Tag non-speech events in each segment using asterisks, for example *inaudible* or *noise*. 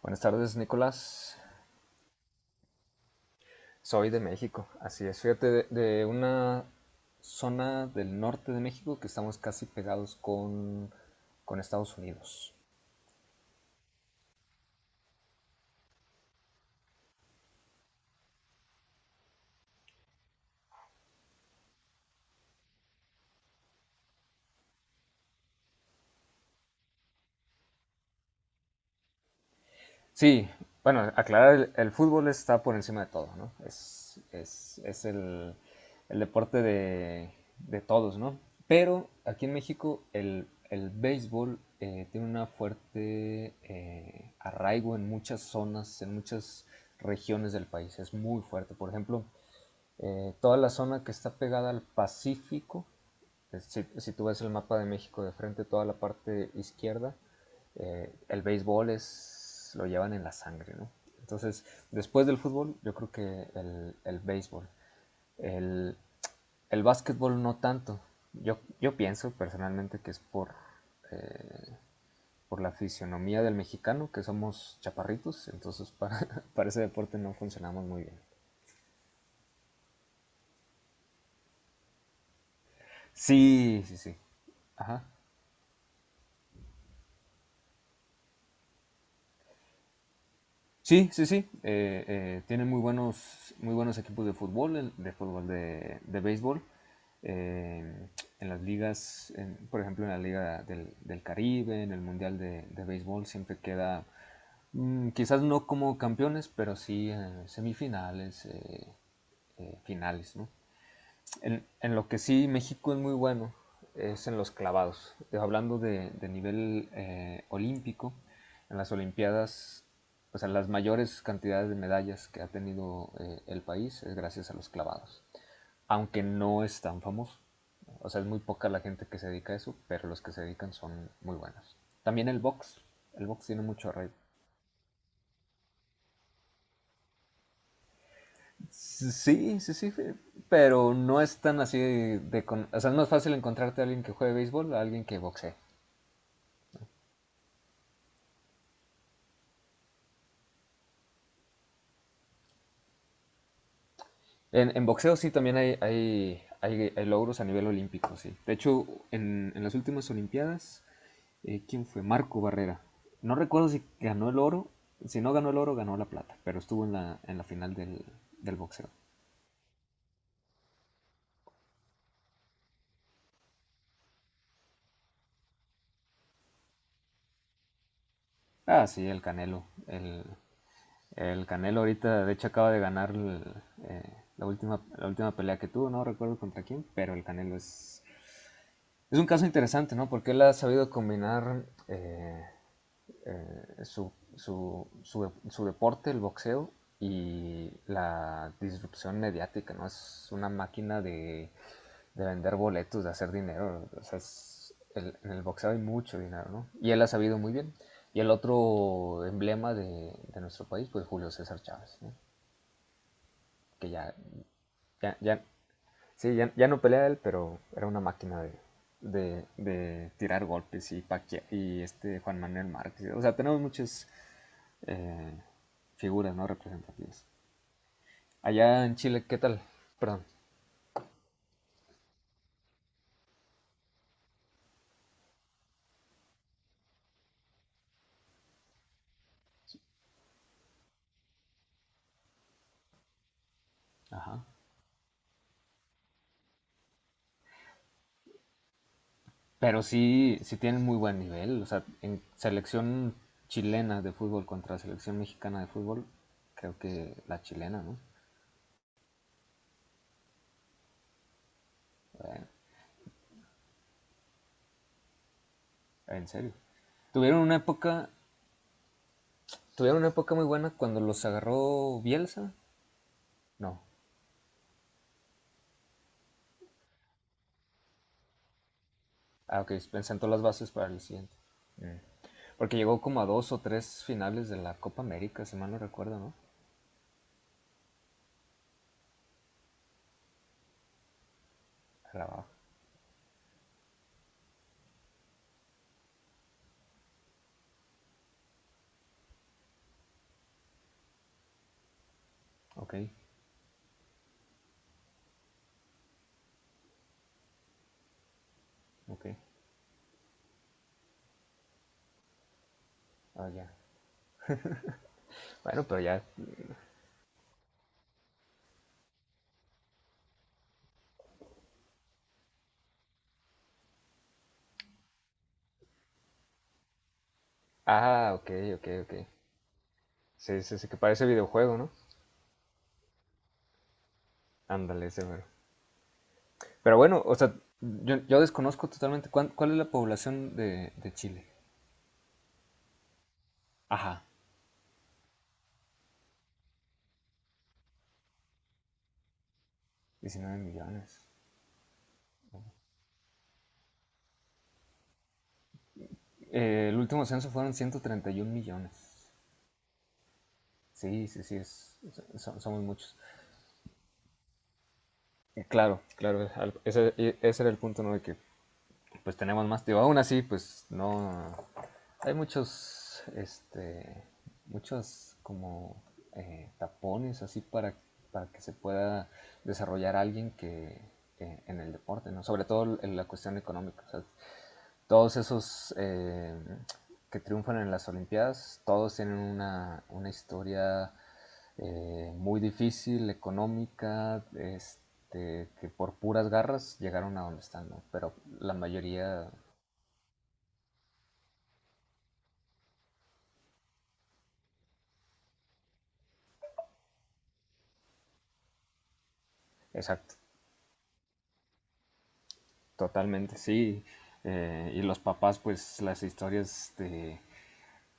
Buenas tardes, Nicolás. Soy de México, así es. Fíjate, de una zona del norte de México que estamos casi pegados con Estados Unidos. Sí, bueno, aclarar, el fútbol está por encima de todo, ¿no? Es el deporte de todos, ¿no? Pero aquí en México el béisbol tiene una fuerte arraigo en muchas zonas, en muchas regiones del país. Es muy fuerte. Por ejemplo, toda la zona que está pegada al Pacífico, si, tú ves el mapa de México de frente, toda la parte izquierda, el béisbol es, lo llevan en la sangre, ¿no? Entonces, después del fútbol, yo creo que el béisbol. El, el básquetbol no tanto. Yo pienso personalmente que es eh, por la fisionomía del mexicano, que somos chaparritos, entonces para, *laughs* para ese deporte no funcionamos muy bien. Sí, sí, sí. Ajá. Sí, sí, sí. Tienen muy buenos equipos de fútbol, de fútbol de béisbol. eh, en las ligas, por ejemplo, en la Liga del Caribe, en el Mundial de Béisbol, siempre queda, quizás no como campeones, pero sí semifinales, finales, ¿no? En lo que sí México es muy bueno es en los clavados. Hablando de nivel olímpico, en las Olimpiadas, o sea, las mayores cantidades de medallas que ha tenido el país es gracias a los clavados. Aunque no es tan famoso. O sea, es muy poca la gente que se dedica a eso, pero los que se dedican son muy buenos. También el box. El box tiene mucho arraigo. Sí, sí, sí, pero no es tan así de, o sea, no es más fácil encontrarte a alguien que juegue béisbol a alguien que boxee. En boxeo sí también hay, hay logros a nivel olímpico, sí. De hecho, en las últimas Olimpiadas, ¿quién fue? Marco Barrera. No recuerdo si ganó el oro, si no ganó el oro, ganó la plata, pero estuvo en la final del boxeo. Ah, sí, el Canelo. El Canelo ahorita, de hecho, acaba de ganar el, la última pelea que tuvo, no recuerdo contra quién, pero el Canelo es un caso interesante, ¿no? Porque él ha sabido combinar su deporte, el boxeo, y la disrupción mediática, ¿no? Es una máquina de, vender boletos, de hacer dinero. O sea, en el boxeo hay mucho dinero, ¿no? Y él ha sabido muy bien. Y el otro emblema de nuestro país, pues Julio César Chávez, ¿no? Que ya, ya, ya. Sí, ya no pelea él, pero era una máquina de tirar golpes y, y este Juan Manuel Márquez. O sea, tenemos muchas eh, figuras no representativas. Allá en Chile, ¿qué tal? Perdón. Ajá. Pero sí, sí tienen muy buen nivel. O sea, en selección chilena de fútbol contra selección mexicana de fútbol, creo que la chilena, ¿no? En serio. Tuvieron una época, tuvieron una época muy buena cuando los agarró Bielsa. No. Ah, ok, sentó las bases para el siguiente. Mm. Porque llegó como a dos o tres finales de la Copa América, si mal no recuerdo, ¿no? A la baja. Ok, ok. Ah, ya. Bueno, pero ya. Ah, ok, ok, ok. Sí, sí, sí, que parece videojuego, ¿no? Ándale, ese mero. Pero bueno, o sea, yo desconozco totalmente cuál es la población de Chile. Ajá. 19 millones. El último censo fueron 131 millones. Sí, sí, sí, es, somos muchos. Claro, claro, ese, ese era el punto, ¿no? De que pues tenemos más, digo, aún así, pues no, hay muchos, este, muchos como tapones así para, que se pueda desarrollar alguien que en el deporte, ¿no? Sobre todo en la cuestión económica. O sea, todos esos que triunfan en las Olimpiadas, todos tienen una, historia muy difícil, económica, este, que por puras garras llegaron a donde están, ¿no? Pero la mayoría, exacto. Totalmente, sí. Y los papás, pues las historias de,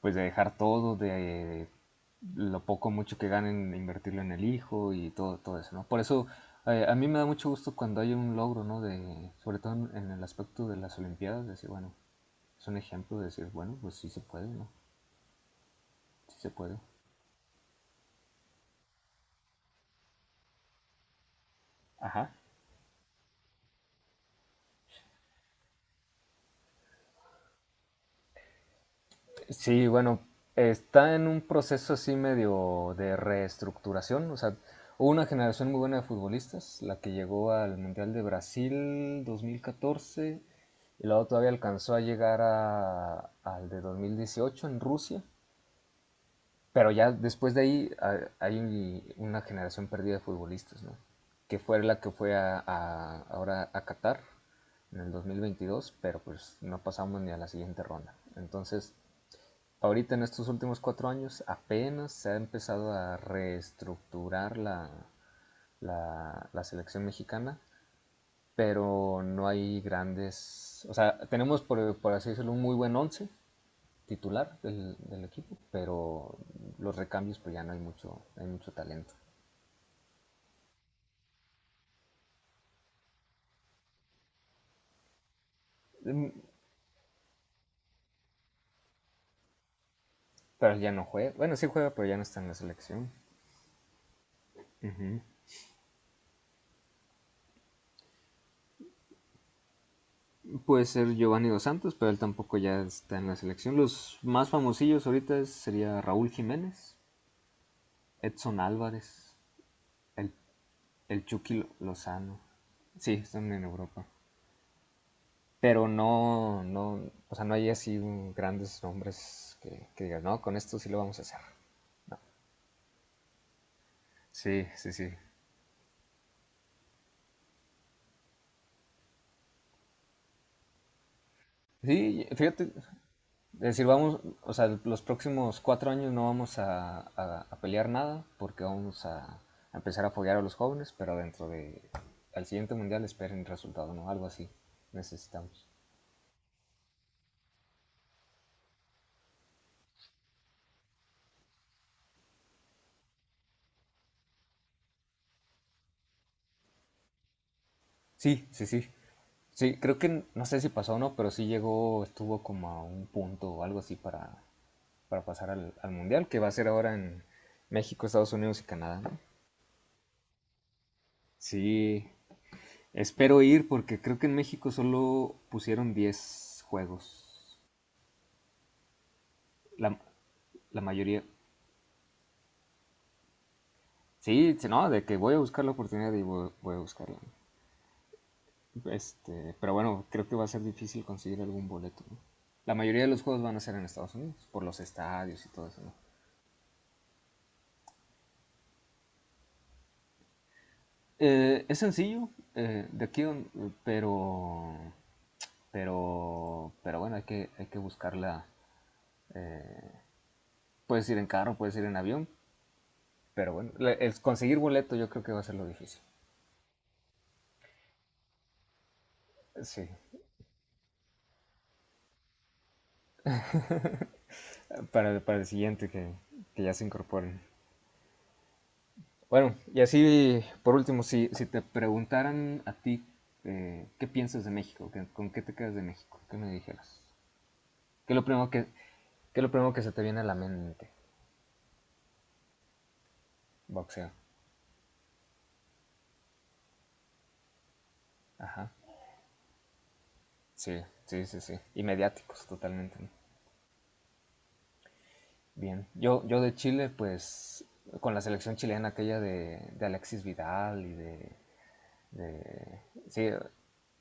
pues, de dejar todo, de lo poco o mucho que ganen, invertirlo en el hijo y todo, todo eso, ¿no? Por eso a mí me da mucho gusto cuando hay un logro, ¿no? De, sobre todo en, el aspecto de las Olimpiadas, decir, bueno, es un ejemplo de decir, bueno, pues sí se puede, ¿no? Sí se puede. Ajá. Sí, bueno, está en un proceso así medio de reestructuración. O sea, hubo una generación muy buena de futbolistas, la que llegó al Mundial de Brasil 2014 y luego todavía alcanzó a llegar al de 2018 en Rusia. Pero ya después de ahí hay una generación perdida de futbolistas, ¿no? Que fue la que fue a, ahora a Qatar en el 2022, pero pues no pasamos ni a la siguiente ronda. Entonces, ahorita en estos últimos 4 años apenas se ha empezado a reestructurar la selección mexicana, pero no hay grandes, o sea, tenemos por, así decirlo un muy buen once titular del equipo, pero los recambios pues ya no hay mucho, hay mucho talento. Mm. Pero ya no juega, bueno sí juega, pero ya no está en la selección. Uh-huh. Puede ser Giovanni Dos Santos, pero él tampoco ya está en la selección. Los más famosillos ahorita sería Raúl Jiménez, Edson Álvarez, el, el Chucky Lozano. Sí, están en Europa. Pero no, no, o sea, no hay así grandes nombres que, digas, no, con esto sí lo vamos a hacer. Sí, sí, sí. Sí, fíjate, es decir, vamos, o sea, los próximos 4 años no vamos a pelear nada porque vamos a empezar a apoyar a los jóvenes, pero dentro de, al siguiente mundial esperen resultado, ¿no? Algo así necesitamos. Sí, sí, sí. Sí, creo que no sé si pasó o no, pero sí llegó, estuvo como a un punto o algo así para, pasar al Mundial, que va a ser ahora en México, Estados Unidos y Canadá, ¿no? Sí, espero ir porque creo que en México solo pusieron 10 juegos. La, la mayoría. Sí, sí, no, de que voy a buscar la oportunidad y voy, a buscarla. Este, pero bueno, creo que va a ser difícil conseguir algún boleto, ¿no? La mayoría de los juegos van a ser en Estados Unidos, por los estadios y todo eso, ¿no? Es sencillo, de aquí, pero, bueno, hay que buscarla. eh, Puedes ir en carro, puedes ir en avión, pero bueno, el conseguir boleto yo creo que va a ser lo difícil. Sí, para, el siguiente que ya se incorporen. Bueno, y así, por último, si te preguntaran a ti qué piensas de México, ¿Con qué te quedas de México, ¿qué me dijeras? ¿Qué es lo primero que, qué es lo primero que se te viene a la mente? Boxeo. Ajá. Sí, sí, sí, sí. Y mediáticos, totalmente. Bien. Yo de Chile, pues, con la selección chilena aquella de, Alexis Vidal de- Sí,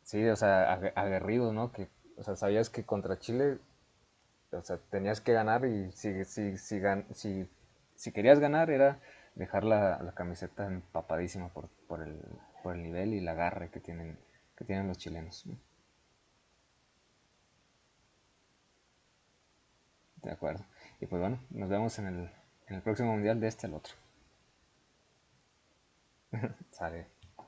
sí, o sea, aguerridos, ¿no? Que, o sea, sabías que contra Chile, o sea, tenías que ganar y si querías ganar era dejar la camiseta empapadísima por el nivel y la garra que tienen los chilenos, ¿no? De acuerdo. Y pues bueno, nos vemos en el, próximo mundial de este al otro. Sale.